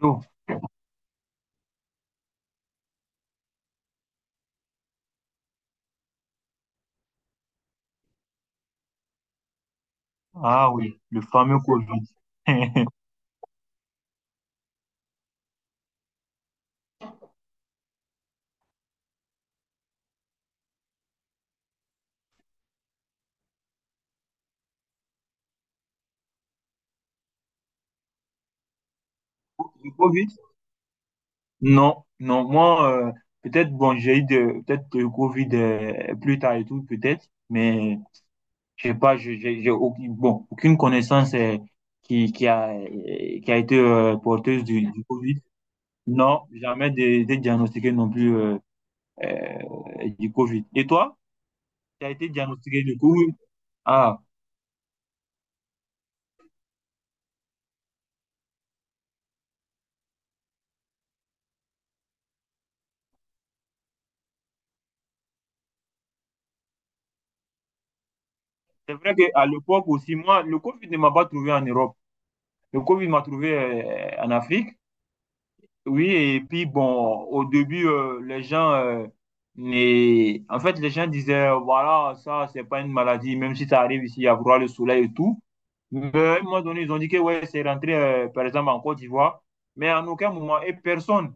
Oh. Ah oui, le fameux Covid. Le Covid? Non, non, moi, peut-être, bon, j'ai eu de, peut-être le Covid plus tard et tout, peut-être, mais je sais pas, j'ai aucune, bon, aucune connaissance qui a, qui a été porteuse du Covid. Non, jamais été diagnostiqué non plus euh, du Covid. Et toi, tu as été diagnostiqué du Covid? Ah, c'est vrai qu'à l'époque aussi, moi, le Covid ne m'a pas trouvé en Europe. Le Covid m'a trouvé en Afrique. Oui, et puis bon, au début, les gens, en fait, les gens disaient, voilà, ça, c'est pas une maladie, même si ça arrive ici, il y a vraiment le soleil et tout. Mais à un moment donné, ils ont dit que ouais, c'est rentré, par exemple, en Côte d'Ivoire, mais en aucun moment, et personne.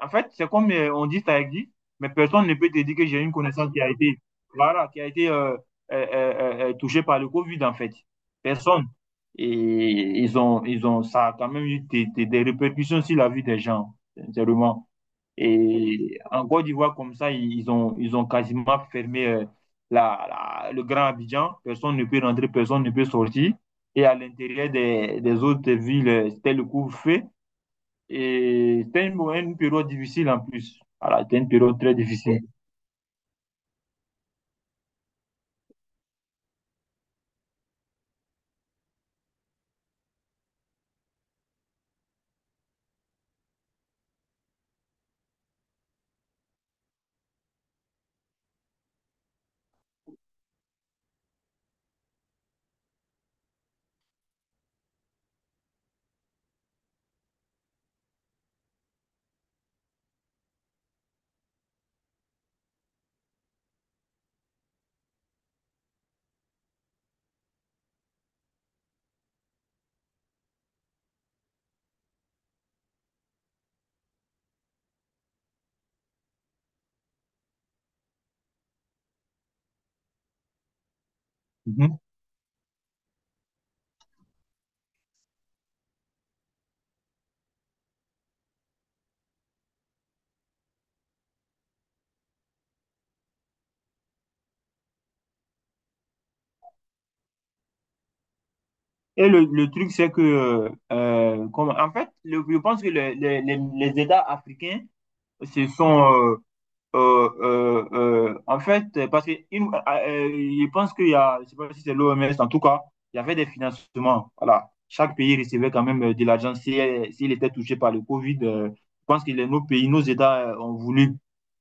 En fait, c'est comme on dit, ça existe, mais personne ne peut te dire que j'ai une connaissance qui a été, voilà, qui a été touchée par le Covid, en fait. Personne. Et ça a quand même eu des répercussions sur la vie des gens, sincèrement. Et en Côte d'Ivoire, comme ça, ils ont quasiment fermé le Grand Abidjan. Personne ne peut rentrer, personne ne peut sortir. Et à l'intérieur des autres villes, c'était le couvre-feu. Et c'était une période difficile en plus. Voilà, c'était une période très difficile. Mhm. Et le truc, c'est que, comme, en fait, je pense que les États africains se sont, en fait, parce que je pense qu'il y a, je sais pas si c'est l'OMS, en tout cas, il y avait des financements. Voilà. Chaque pays recevait quand même de l'argent si, s'il était touché par le Covid. Je pense que nos pays, nos États ont voulu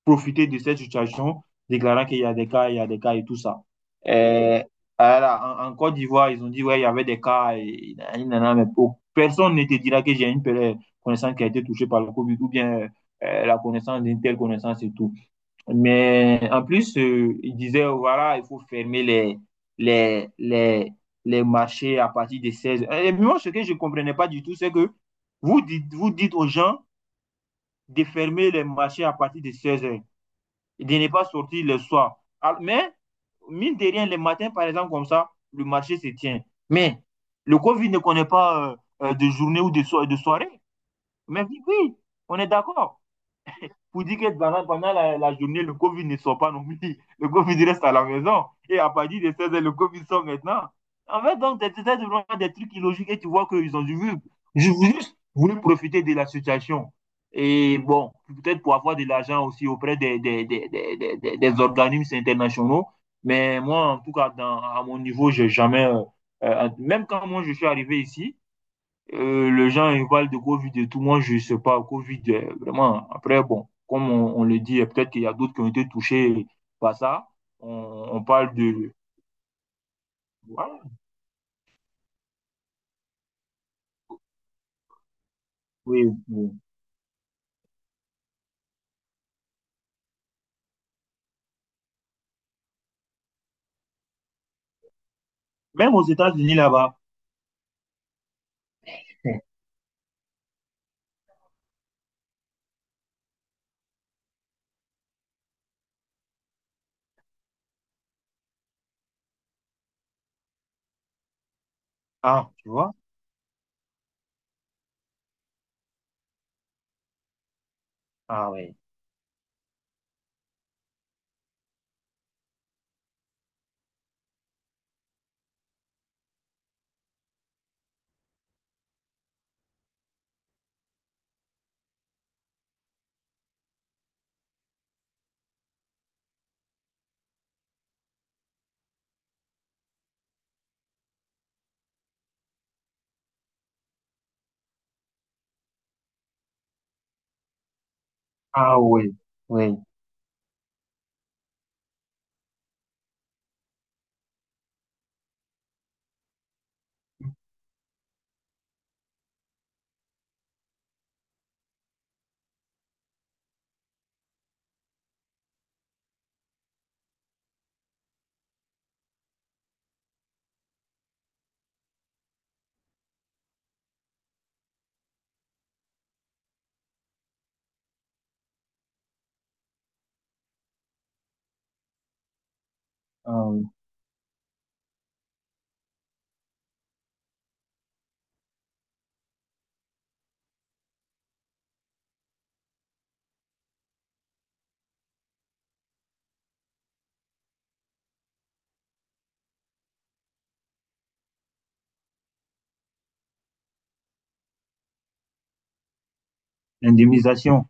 profiter de cette situation, déclarant qu'il y a des cas, il y a des cas et tout ça. Euh, voilà, en Côte d'Ivoire, ils ont dit, ouais, il y avait des cas, et nanana, mais personne ne te dira que j'ai une connaissance qui a été touchée par le Covid ou bien la connaissance d'une telle connaissance et tout. Mais en plus, il disait, voilà, il faut fermer les, les, les marchés à partir de 16h. Et moi, ce que je ne comprenais pas du tout, c'est que vous dites aux gens de fermer les marchés à partir de 16h et de ne pas sortir le soir. Ah, mais, mine de rien, le matin, par exemple, comme ça, le marché se tient. Mais le Covid ne connaît pas de journée ou de soirée. Mais oui, oui, on est d'accord pour dire que pendant la journée, le Covid ne sort pas non plus. Le Covid reste à la maison. Et à partir de 16 h le Covid sort maintenant. En fait, donc, c'est vraiment des trucs illogiques et tu vois qu'ils ont dû juste voulu profiter de la situation. Et bon, peut-être pour avoir de l'argent aussi auprès des organismes internationaux. Mais moi, en tout cas, à mon niveau, j'ai jamais. Même quand moi je suis arrivé ici, les gens ils parlent de Covid et tout. Moi, je ne sais pas. Covid, vraiment. Après, bon, comme on le dit, peut-être qu'il y a d'autres qui ont été touchés par ça. On, on parle de. Voilà. Oui, oui. Même aux États-Unis là-bas. Ah, tu vois? Ah oui. Ah oui. Oui. Ah oui. L'indemnisation.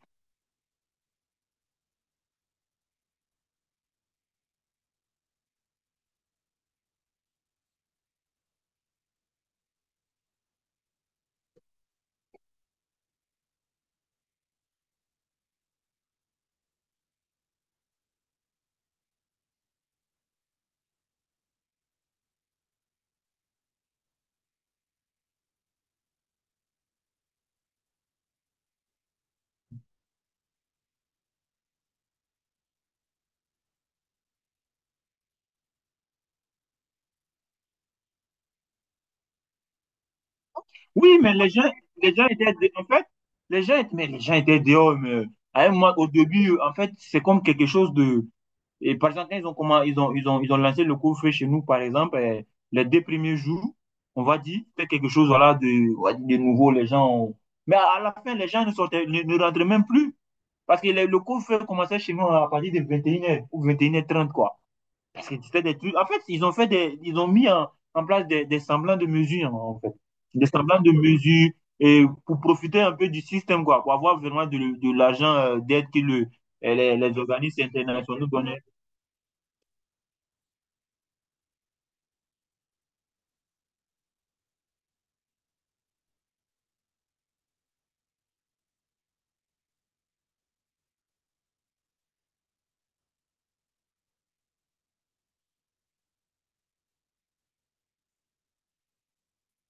Oui, mais les gens étaient. En fait, les gens, mais les gens étaient dehors. Mais, au début, en fait, c'est comme quelque chose. Et par exemple, quand ils ont lancé le cours feu chez nous, par exemple, les deux premiers jours, on va dire, faire quelque chose voilà, de, on va dire, de nouveau, les gens. Mais à la fin, les gens ne sortaient, ne rentraient même plus. Parce que le cours feu commençait chez nous à partir de 21h ou 21h30, quoi. Parce que c'était des trucs. En fait, ils ont fait ils ont mis en place des semblants de mesures, hein, en fait. Des semblants de mesures et pour profiter un peu du système, quoi, pour avoir vraiment de l'argent d'aide que les organismes internationaux donnaient.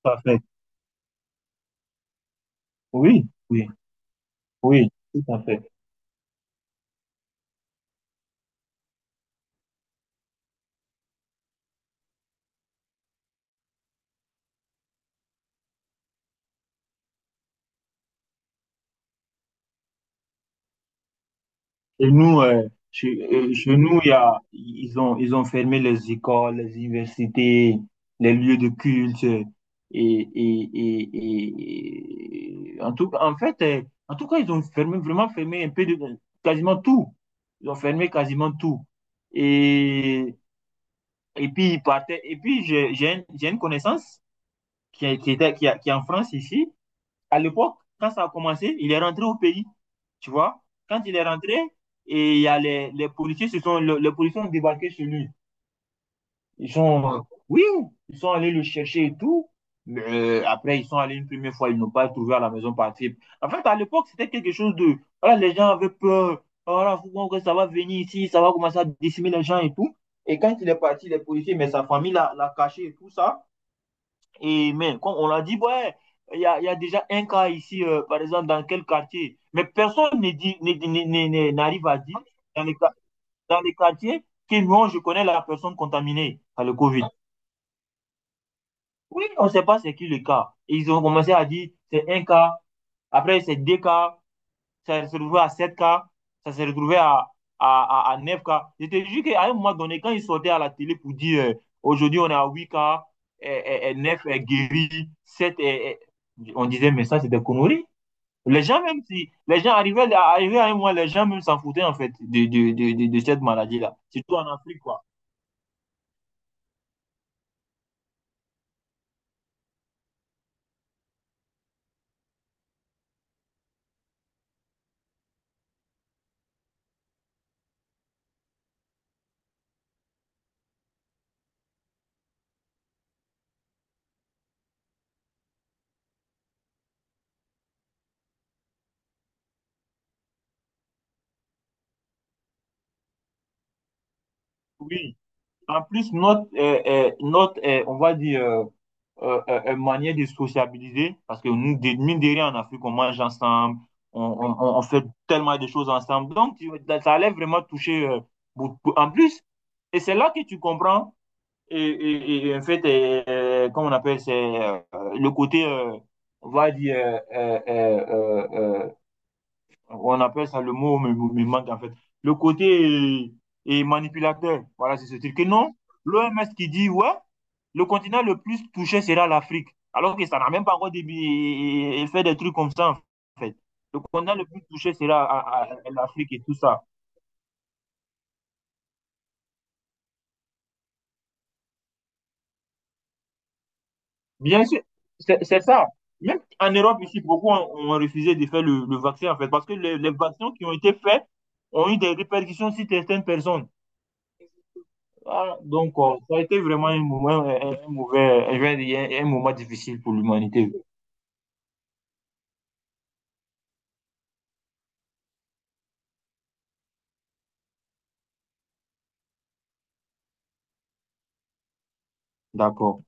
Tout à fait. Oui, oui, oui, tout à fait. Et nous, chez nous, il y a, ils ont fermé les écoles, les universités, les lieux de culte. Et en tout, en fait, en tout cas, ils ont fermé, vraiment fermé un peu quasiment tout. Ils ont fermé quasiment tout. Et, et puis, ils partaient. Et puis, j'ai une connaissance qui est en France ici. À l'époque, quand ça a commencé, il est rentré au pays. Tu vois? Quand il est rentré, et il y a les policiers se sont, le- les policiers ont débarqué chez lui. Ils sont, euh, oui, ils sont allés le chercher et tout. Mais après, ils sont allés une première fois, ils n'ont pas trouvé à la maison passible. En fait, à l'époque, c'était quelque chose de, voilà, les gens avaient peur. Voilà, faut voir que ça va venir ici, ça va commencer à décimer les gens et tout. Et quand il est parti, les policiers, mais sa famille l'a caché et tout ça. Et même, comme on l'a dit, ouais, y a déjà un cas ici, par exemple, dans quel quartier. Mais personne ne dit- ne- ne- ne- ne- n'arrive à dire dans les, qua- dans les quartiers que non, je connais la personne contaminée par le Covid. Oui, on ne sait pas c'est qui le cas. Et ils ont commencé à dire c'est un cas, après c'est deux cas, ça s'est retrouvé à 7K ça s'est retrouvé à 9K. Je te jure qu'à un moment donné, quand ils sortaient à la télé pour dire aujourd'hui on est à 8K et, 9 est guéri, 7 est, et... On disait, mais ça c'est des conneries. Les gens, même si les gens arrivaient, arrivaient à un moment, les gens même s'en foutaient en fait de cette maladie-là, surtout en Afrique, quoi. Oui. En plus, notre on va dire, manière de sociabiliser, parce que nous, mine de rien, en Afrique, on mange ensemble, on fait tellement de choses ensemble. Donc, ça allait vraiment toucher beaucoup. En plus, et c'est là que tu comprends, et en fait, comment on appelle, c'est le côté, on va dire, on appelle ça le mot me manque en fait. Le côté est manipulateur. Voilà, c'est ce truc. Que non, l'OMS qui dit, ouais, le continent le plus touché sera l'Afrique. Alors que ça n'a même pas encore début, fait des trucs comme ça, en fait. Le continent le plus touché sera l'Afrique et tout ça. Bien sûr, c'est ça. Même en Europe, ici, beaucoup ont refusé de faire le vaccin, en fait, parce que les vaccins qui ont été faits ont eu des répercussions sur certaines personnes. Ah, donc, ça a été vraiment un moment, un mauvais, je vais dire, un moment difficile pour l'humanité. D'accord.